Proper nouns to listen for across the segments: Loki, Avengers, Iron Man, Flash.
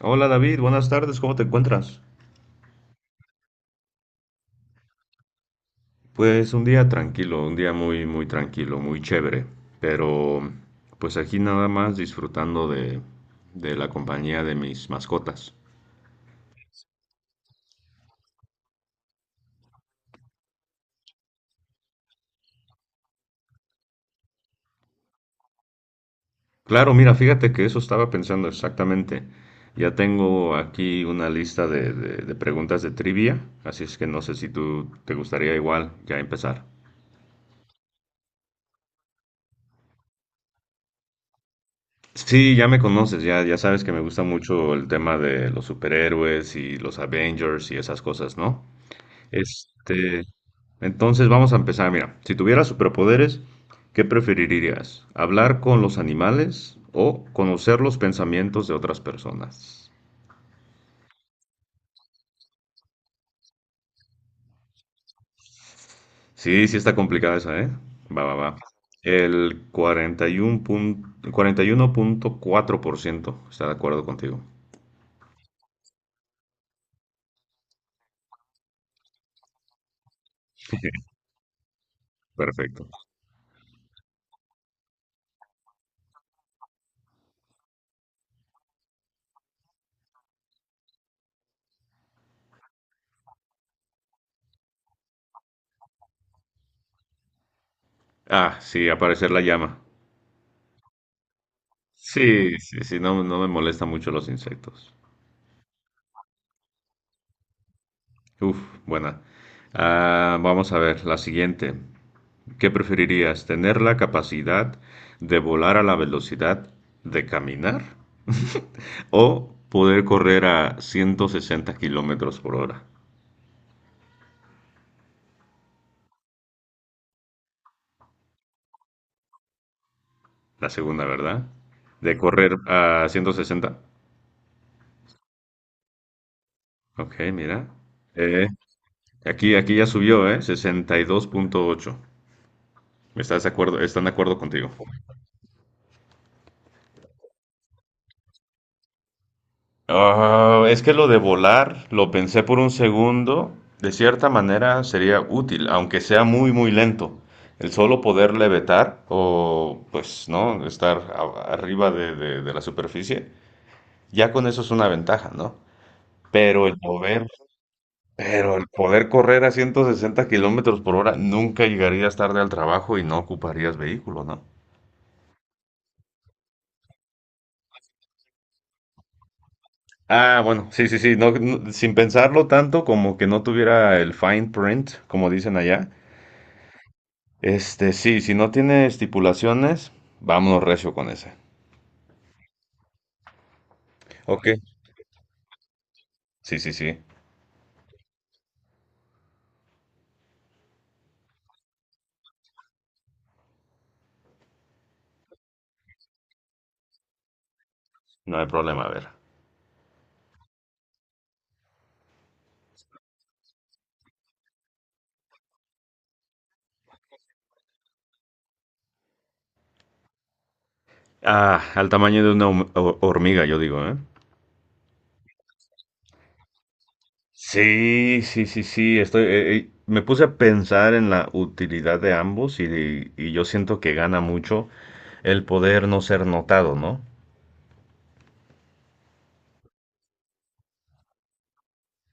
Hola David, buenas tardes, ¿cómo te encuentras? Pues un día tranquilo, un día muy, muy tranquilo, muy chévere, pero pues aquí nada más disfrutando de la compañía de mis mascotas. Claro, mira, fíjate que eso estaba pensando exactamente. Ya tengo aquí una lista de, de preguntas de trivia, así es que no sé si tú te gustaría igual ya empezar. Sí, ya me conoces, ya, ya sabes que me gusta mucho el tema de los superhéroes y los Avengers y esas cosas, ¿no? Este, entonces vamos a empezar. Mira, si tuvieras superpoderes, ¿qué preferirías? ¿Hablar con los animales o conocer los pensamientos de otras personas? Sí, sí está complicada esa, ¿eh? Va, va, va. El 41 pun- 41.4% está de acuerdo contigo. Perfecto. Ah, sí, aparecer la llama. Sí, sí, sí, no, no me molesta mucho los insectos. Uf, buena. Ah, vamos a ver, la siguiente. ¿Qué preferirías? ¿Tener la capacidad de volar a la velocidad de caminar o poder correr a 160 kilómetros por hora? La segunda, ¿verdad? De correr a 160. Ok, mira. Eh, aquí ya subió, ¿eh? 62.8. ¿Estás de acuerdo? ¿Están de acuerdo contigo? Ah, es que lo de volar, lo pensé por un segundo, de cierta manera sería útil, aunque sea muy, muy lento. El solo poder levitar o, pues, ¿no? Arriba de, de la superficie, ya con eso es una ventaja, ¿no? Pero el poder, pero el poder correr a 160 kilómetros por hora, nunca llegarías tarde al trabajo y no ocuparías vehículo, ¿no? Ah, bueno, sí, sí, sí, no, no, sin pensarlo tanto como que no tuviera el fine print, como dicen allá. Sí, si no tiene estipulaciones, vámonos recio con ese. Ok, sí, sí, sí. No hay problema, a ver. Al tamaño de una hormiga, yo digo, ¿eh? Sí, sí, sí, sí. Estoy, me puse a pensar en la utilidad de ambos y yo siento que gana mucho el poder no ser notado, ¿no?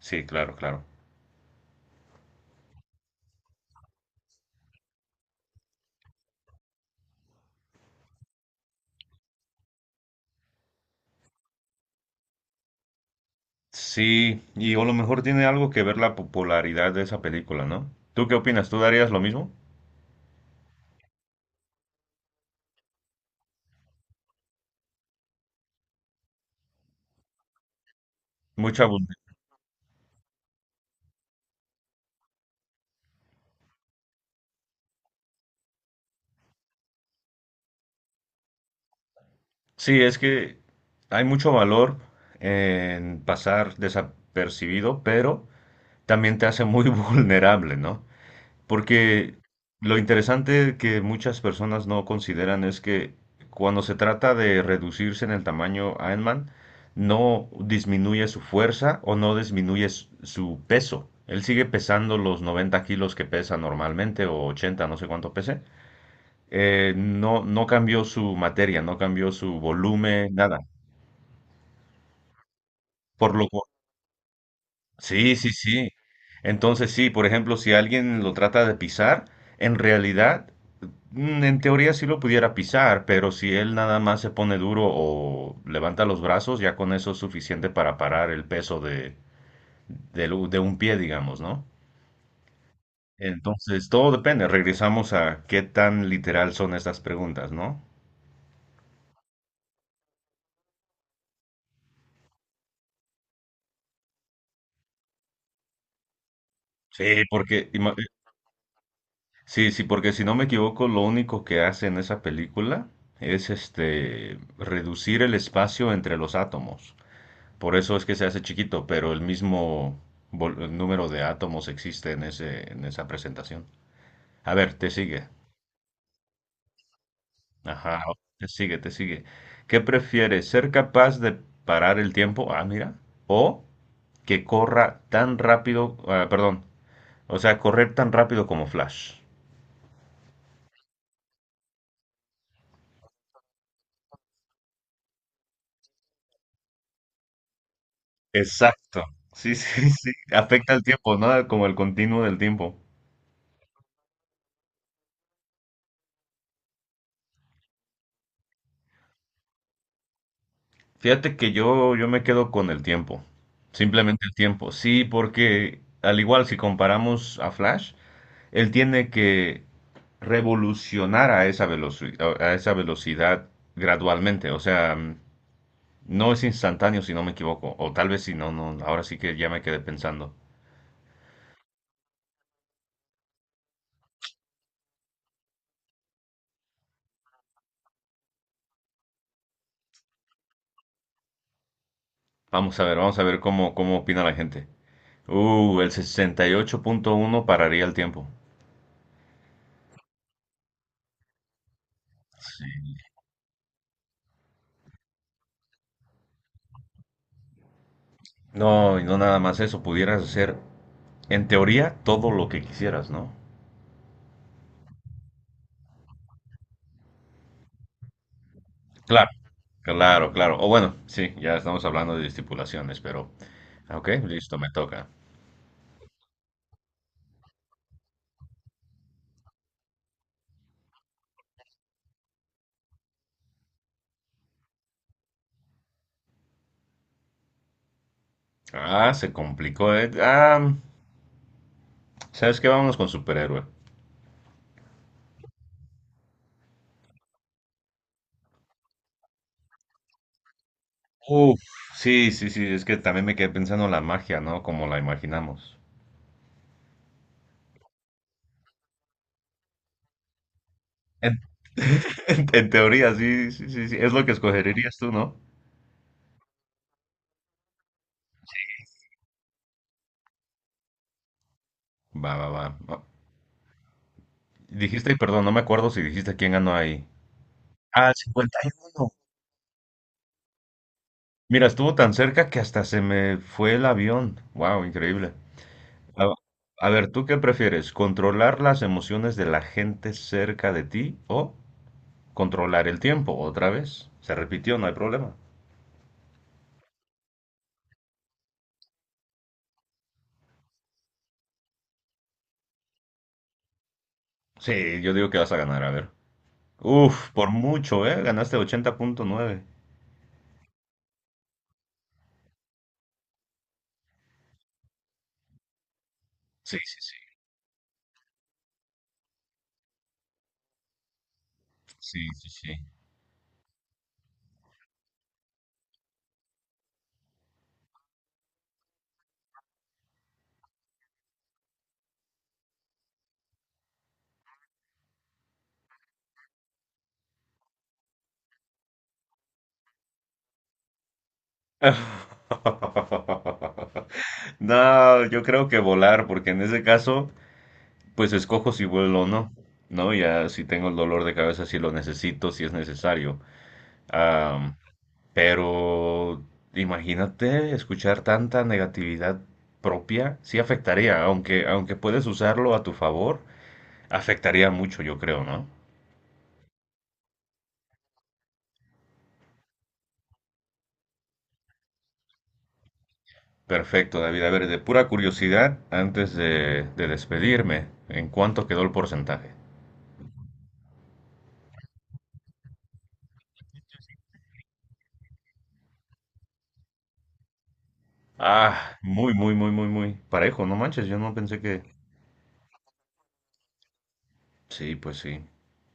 Sí, claro, claro. Sí, y a lo mejor tiene algo que ver la popularidad de esa película, ¿no? ¿Tú qué opinas? ¿Tú darías lo mismo? Mucha abundancia. Sí, es que hay mucho valor en pasar desapercibido, pero también te hace muy vulnerable, ¿no? Porque lo interesante que muchas personas no consideran es que cuando se trata de reducirse en el tamaño, Iron Man no disminuye su fuerza o no disminuye su peso. Él sigue pesando los 90 kilos que pesa normalmente o 80, no sé cuánto pese. No, no cambió su materia, no cambió su volumen, nada. Por lo cual, sí, sí, sí. Entonces sí, por ejemplo, si alguien lo trata de pisar, en realidad, en teoría sí lo pudiera pisar, pero si él nada más se pone duro o levanta los brazos, ya con eso es suficiente para parar el peso de, del de un pie, digamos, ¿no? Entonces, todo depende. Regresamos a qué tan literal son estas preguntas, ¿no? Sí, porque ima- Sí, sí, porque si no me equivoco, lo único que hace en esa película es reducir el espacio entre los átomos. Por eso es que se hace chiquito, pero el mismo el número de átomos existe en ese, en esa presentación. A ver, te sigue. Ajá, te sigue, te sigue. ¿Qué prefieres? ¿Ser capaz de parar el tiempo? Ah, mira. O que corra tan rápido, ah, perdón, o sea, correr tan rápido como Flash. Exacto. Sí, sí, sí. Afecta el tiempo, ¿no? Como el continuo del tiempo. Fíjate que yo me quedo con el tiempo. Simplemente el tiempo. Sí, porque al igual si comparamos a Flash, él tiene que revolucionar a esa velocidad gradualmente. O sea, no es instantáneo si no me equivoco. O tal vez si no, no. Ahora sí que ya me quedé pensando. Vamos a ver cómo, cómo opina la gente. El 68.1 pararía el tiempo. No, y no nada más eso, pudieras hacer en teoría todo lo que quisieras, ¿no? Claro, claro, claro. O bueno, sí, ya estamos hablando de estipulaciones, pero ah, ok, listo, me toca. Ah, se complicó, eh. Ah, ¿sabes qué? Vámonos con superhéroe. Uf, sí, sí, sí, es que también me quedé pensando en la magia, ¿no? Como la imaginamos. En, en teoría, sí, sí, sí, sí, es lo que escogerías tú, ¿no? Va, va, va. Va. Dijiste, perdón, no me acuerdo si dijiste quién ganó ahí. Ah, el 51. Mira, estuvo tan cerca que hasta se me fue el avión. Wow, increíble. A, a ver, ¿tú qué prefieres? ¿Controlar las emociones de la gente cerca de ti o controlar el tiempo? Otra vez. Se repitió, no hay problema. Sí, yo digo que vas a ganar, a ver. Uf, por mucho, ¿eh? Ganaste 80.9. Sí, sí, sí. Sí, sí, sí. No, yo creo que volar, porque en ese caso pues escojo si vuelo o no, ¿no? Ya si tengo el dolor de cabeza, si lo necesito, si es necesario. Am, pero imagínate escuchar tanta negatividad propia, sí afectaría, aunque, aunque puedes usarlo a tu favor, afectaría mucho, yo creo, ¿no? Perfecto, David. A ver, de pura curiosidad, antes de despedirme, ¿en cuánto quedó el porcentaje? Ah, muy, muy, muy, muy, muy parejo, no manches, yo no pensé que, sí, pues sí.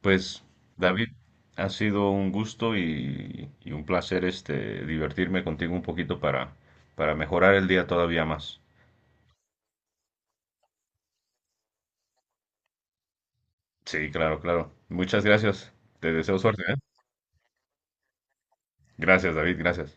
Pues, David, ha sido un gusto y un placer divertirme contigo un poquito para mejorar el día todavía más. Sí, claro, claro. Muchas gracias. Te deseo suerte, ¿eh? Gracias, David, gracias.